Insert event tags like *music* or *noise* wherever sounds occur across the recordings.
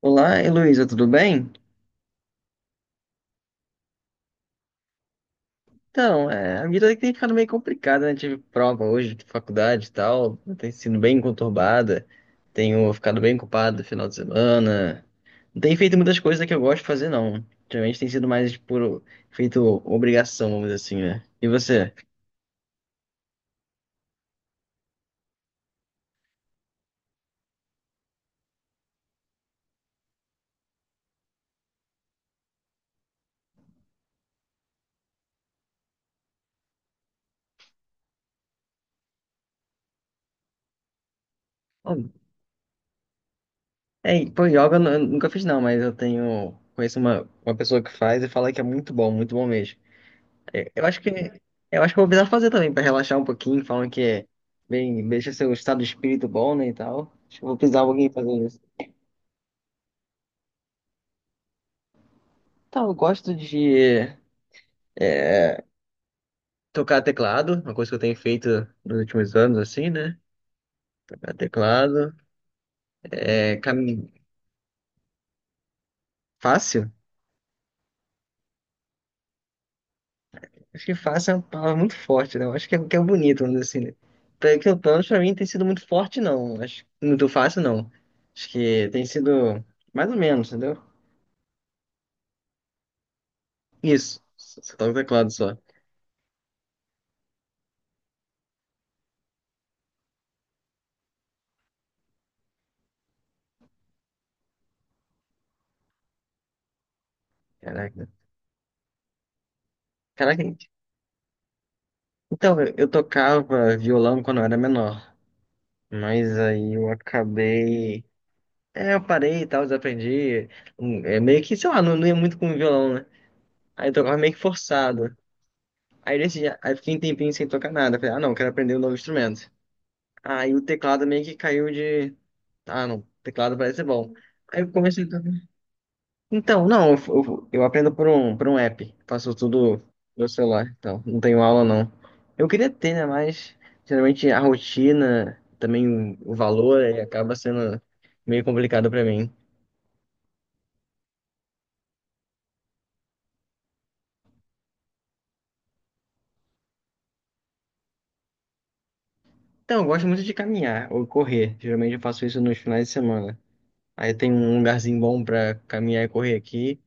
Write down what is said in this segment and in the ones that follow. Olá, Heloísa, tudo bem? Então, a vida tem ficado meio complicada, né? Tive prova hoje de faculdade e tal, tem sido bem conturbada, tenho ficado bem ocupado no final de semana, não tenho feito muitas coisas que eu gosto de fazer, não. Geralmente tem sido mais por feito obrigação, vamos dizer assim, né? E você? Bom, pô, yoga eu nunca fiz não, mas eu conheço uma pessoa que faz e fala que é muito bom mesmo. Eu acho que eu vou precisar fazer também pra relaxar um pouquinho, falam que bem, deixa seu estado de espírito bom, né, e tal. Acho que eu vou precisar alguém fazer isso. Então, eu gosto de tocar teclado, uma coisa que eu tenho feito nos últimos anos, assim, né? Tocar teclado. É caminho fácil? Acho que fácil é uma palavra muito forte, né? Eu acho que é bonito, vamos dizer assim, né? Pelo menos pra mim tem sido muito forte, não. Acho muito fácil, não. Acho que tem sido mais ou menos, entendeu? Isso. Só toco teclado só. Caraca. Caraca, então, eu tocava violão quando eu era menor, mas aí eu acabei. É, eu parei e tal, desaprendi. É meio que, sei lá, não, não ia muito com o violão, né? Aí eu tocava meio que forçado. Aí nesse dia, aí fiquei um tempinho sem tocar nada. Falei, ah, não, quero aprender um novo instrumento. Aí o teclado meio que caiu de. Ah, não, teclado parece ser bom. Aí eu comecei. Então, não, eu aprendo por um app. Faço tudo no celular, então não tenho aula não. Eu queria ter, né? Mas geralmente a rotina, também o valor, ele acaba sendo meio complicado pra mim. Então, eu gosto muito de caminhar ou correr. Geralmente eu faço isso nos finais de semana. Aí tem um lugarzinho bom pra caminhar e correr aqui.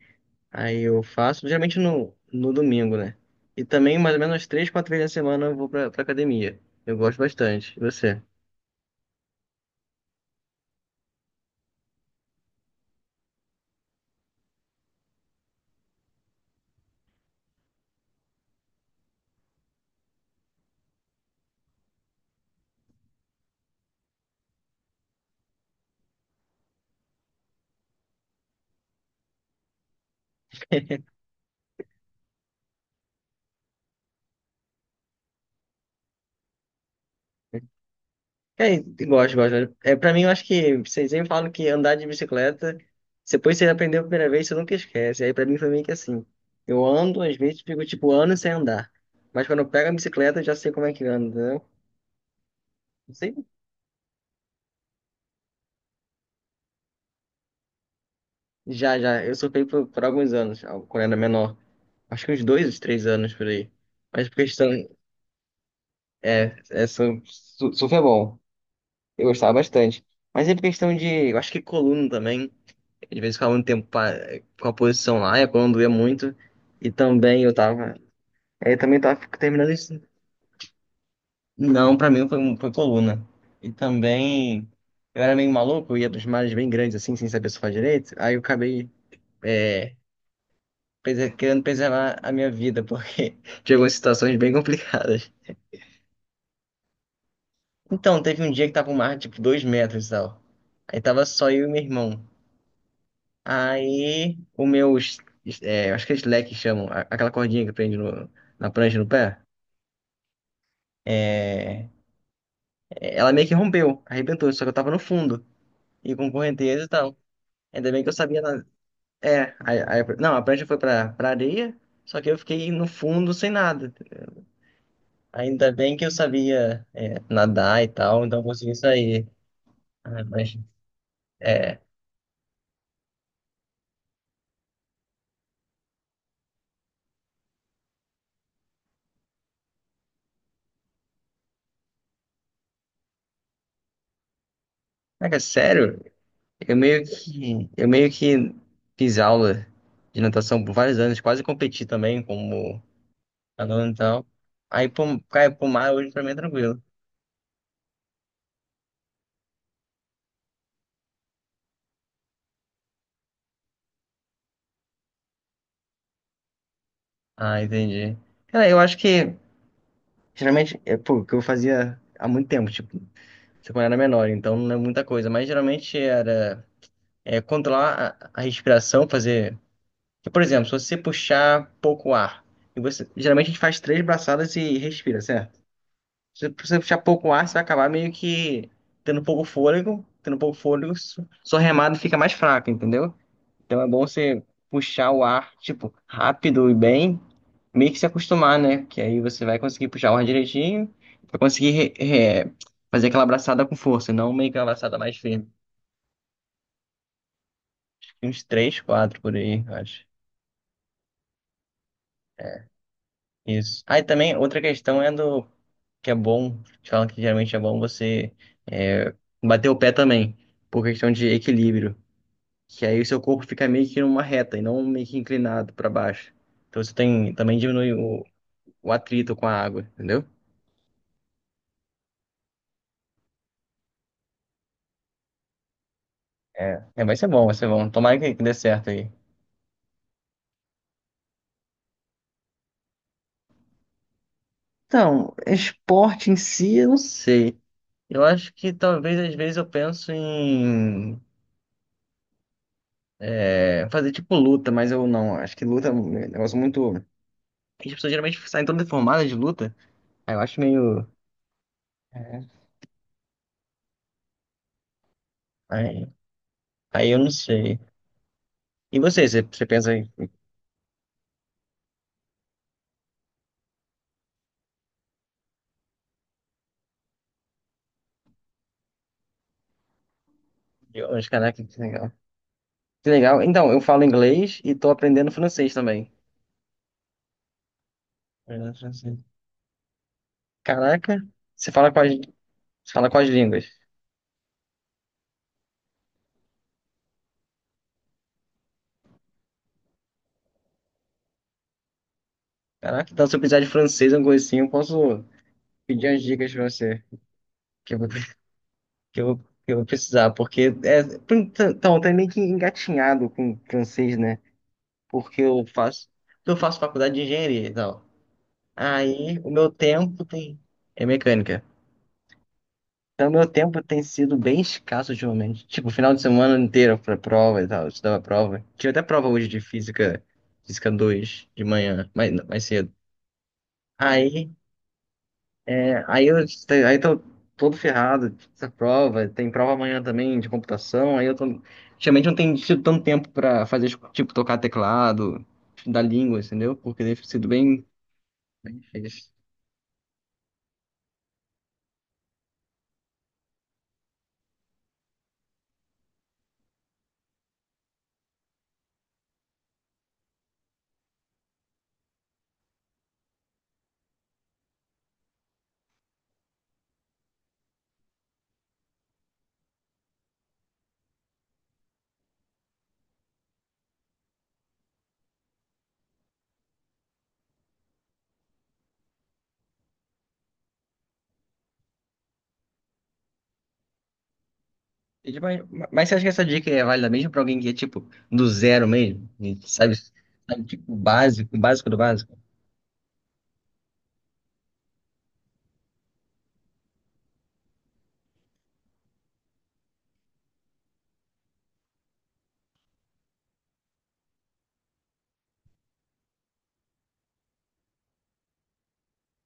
Aí eu faço, geralmente no domingo, né? E também mais ou menos três, quatro vezes na semana eu vou pra academia. Eu gosto bastante. E você? E gosto, gosto. Pra mim, eu acho que vocês sempre falam que andar de bicicleta, depois que você aprendeu a primeira vez, você nunca esquece. Aí pra mim foi meio que assim. Eu ando, às vezes, fico tipo anos sem andar. Mas quando eu pego a bicicleta, eu já sei como é que anda, entendeu? Não sei. Já, já. Eu surfei por alguns anos, quando era menor. Acho que uns dois, uns três anos por aí. Mas por questão. Surf é bom. Eu gostava bastante. Mas é por questão de. Eu acho que coluna também. Às vezes ficava muito tempo com a posição lá, e quando doía muito. E também eu tava. Eu também tava terminando isso. Não, pra mim foi, coluna. E também. Eu era meio maluco, eu ia dos mares bem grandes, assim, sem saber surfar direito. Aí eu acabei é, querendo preservar a minha vida, porque *laughs* tinha algumas situações bem complicadas. Então, teve um dia que tava um mar, tipo, 2 metros e tal. Aí tava só eu e meu irmão. Aí o meu, s- é, acho que é slack que chamam, aquela cordinha que prende na prancha no pé, ela meio que rompeu, arrebentou, só que eu tava no fundo, e com correnteza e tal. Ainda bem que eu sabia nada. É, não, a prancha foi pra areia, só que eu fiquei no fundo sem nada. Ainda bem que eu sabia, nadar e tal, então eu consegui sair. Ah, mas, é, cara, sério, eu meio que fiz aula de natação por vários anos, quase competi também como falou então. Aí, pro, cara, pro mar hoje pra mim é tranquilo. Ah, entendi. Cara, eu acho que geralmente é pô, o que eu fazia há muito tempo, tipo, quando eu era menor, então não é muita coisa, mas geralmente era controlar a respiração, fazer. Por exemplo, se você puxar pouco ar, e você, geralmente a gente faz três braçadas e respira, certo? Se você puxar pouco ar, você vai acabar meio que tendo pouco fôlego, sua remada fica mais fraca, entendeu? Então é bom você puxar o ar, tipo, rápido e bem, meio que se acostumar, né? Que aí você vai conseguir puxar o ar direitinho, vai conseguir re- fazer aquela abraçada com força, e não meio que uma abraçada mais firme. Uns três, quatro por aí, eu acho. Isso. Aí também, outra questão é do que é bom, eles falam que geralmente é bom você é, bater o pé também, por questão de equilíbrio. Que aí o seu corpo fica meio que numa reta e não meio que inclinado para baixo. Então você tem, também diminui o atrito com a água, entendeu? É, é, vai ser bom, vai ser bom. Tomara que dê certo aí. Então, esporte em si, eu não sei. Eu acho que talvez às vezes eu penso em fazer tipo luta, mas eu não. Acho que luta é um negócio muito. As pessoas geralmente saem todas deformadas de luta. Aí eu acho meio. é, Aí, aí eu não sei. E você pensa em. Deus, caraca, que legal. Que legal. Então, eu falo inglês e tô aprendendo francês também. Aprendendo francês. Caraca, você fala quais, você fala quais línguas? Caraca, então se eu precisar de francês, alguma coisa assim, eu posso pedir as dicas pra você que eu vou, que eu vou precisar, porque então, tá meio que engatinhado com francês, né? Porque eu faço faculdade de engenharia e tal. Aí o meu tempo tem é mecânica. Então meu tempo tem sido bem escasso ultimamente. Tipo, final de semana inteiro pra prova e tal, eu estudava prova. Tinha até prova hoje de física, física 2 de manhã, mais cedo. Aí Aí eu aí tô todo ferrado, essa prova, tem prova amanhã também de computação, aí eu tô. Geralmente não tenho tido tanto tempo pra fazer, tipo, tocar teclado, estudar língua, entendeu? Porque deve sido bem. Difícil. E, tipo, mas você acha que essa dica é válida mesmo pra alguém que é, tipo, do zero mesmo? E sabe, tipo, o básico do básico?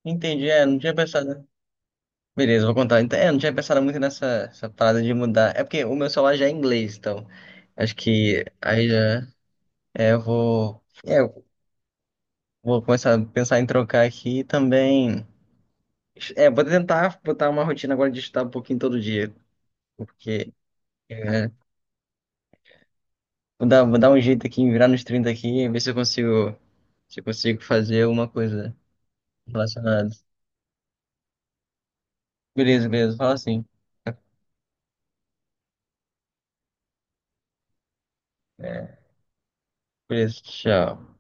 Entendi, não tinha pensado. Beleza, vou contar. Então, não tinha pensado muito nessa essa parada de mudar. É porque o meu celular já é inglês, então. Acho que aí já. Eu vou. Eu vou começar a pensar em trocar aqui e também. Vou tentar botar uma rotina agora de estudar um pouquinho todo dia. Porque é, vou dar um jeito aqui, em virar nos 30 aqui e ver se eu consigo, se eu consigo fazer alguma coisa relacionada. Beleza, beleza, fala assim. É, beleza, tchau.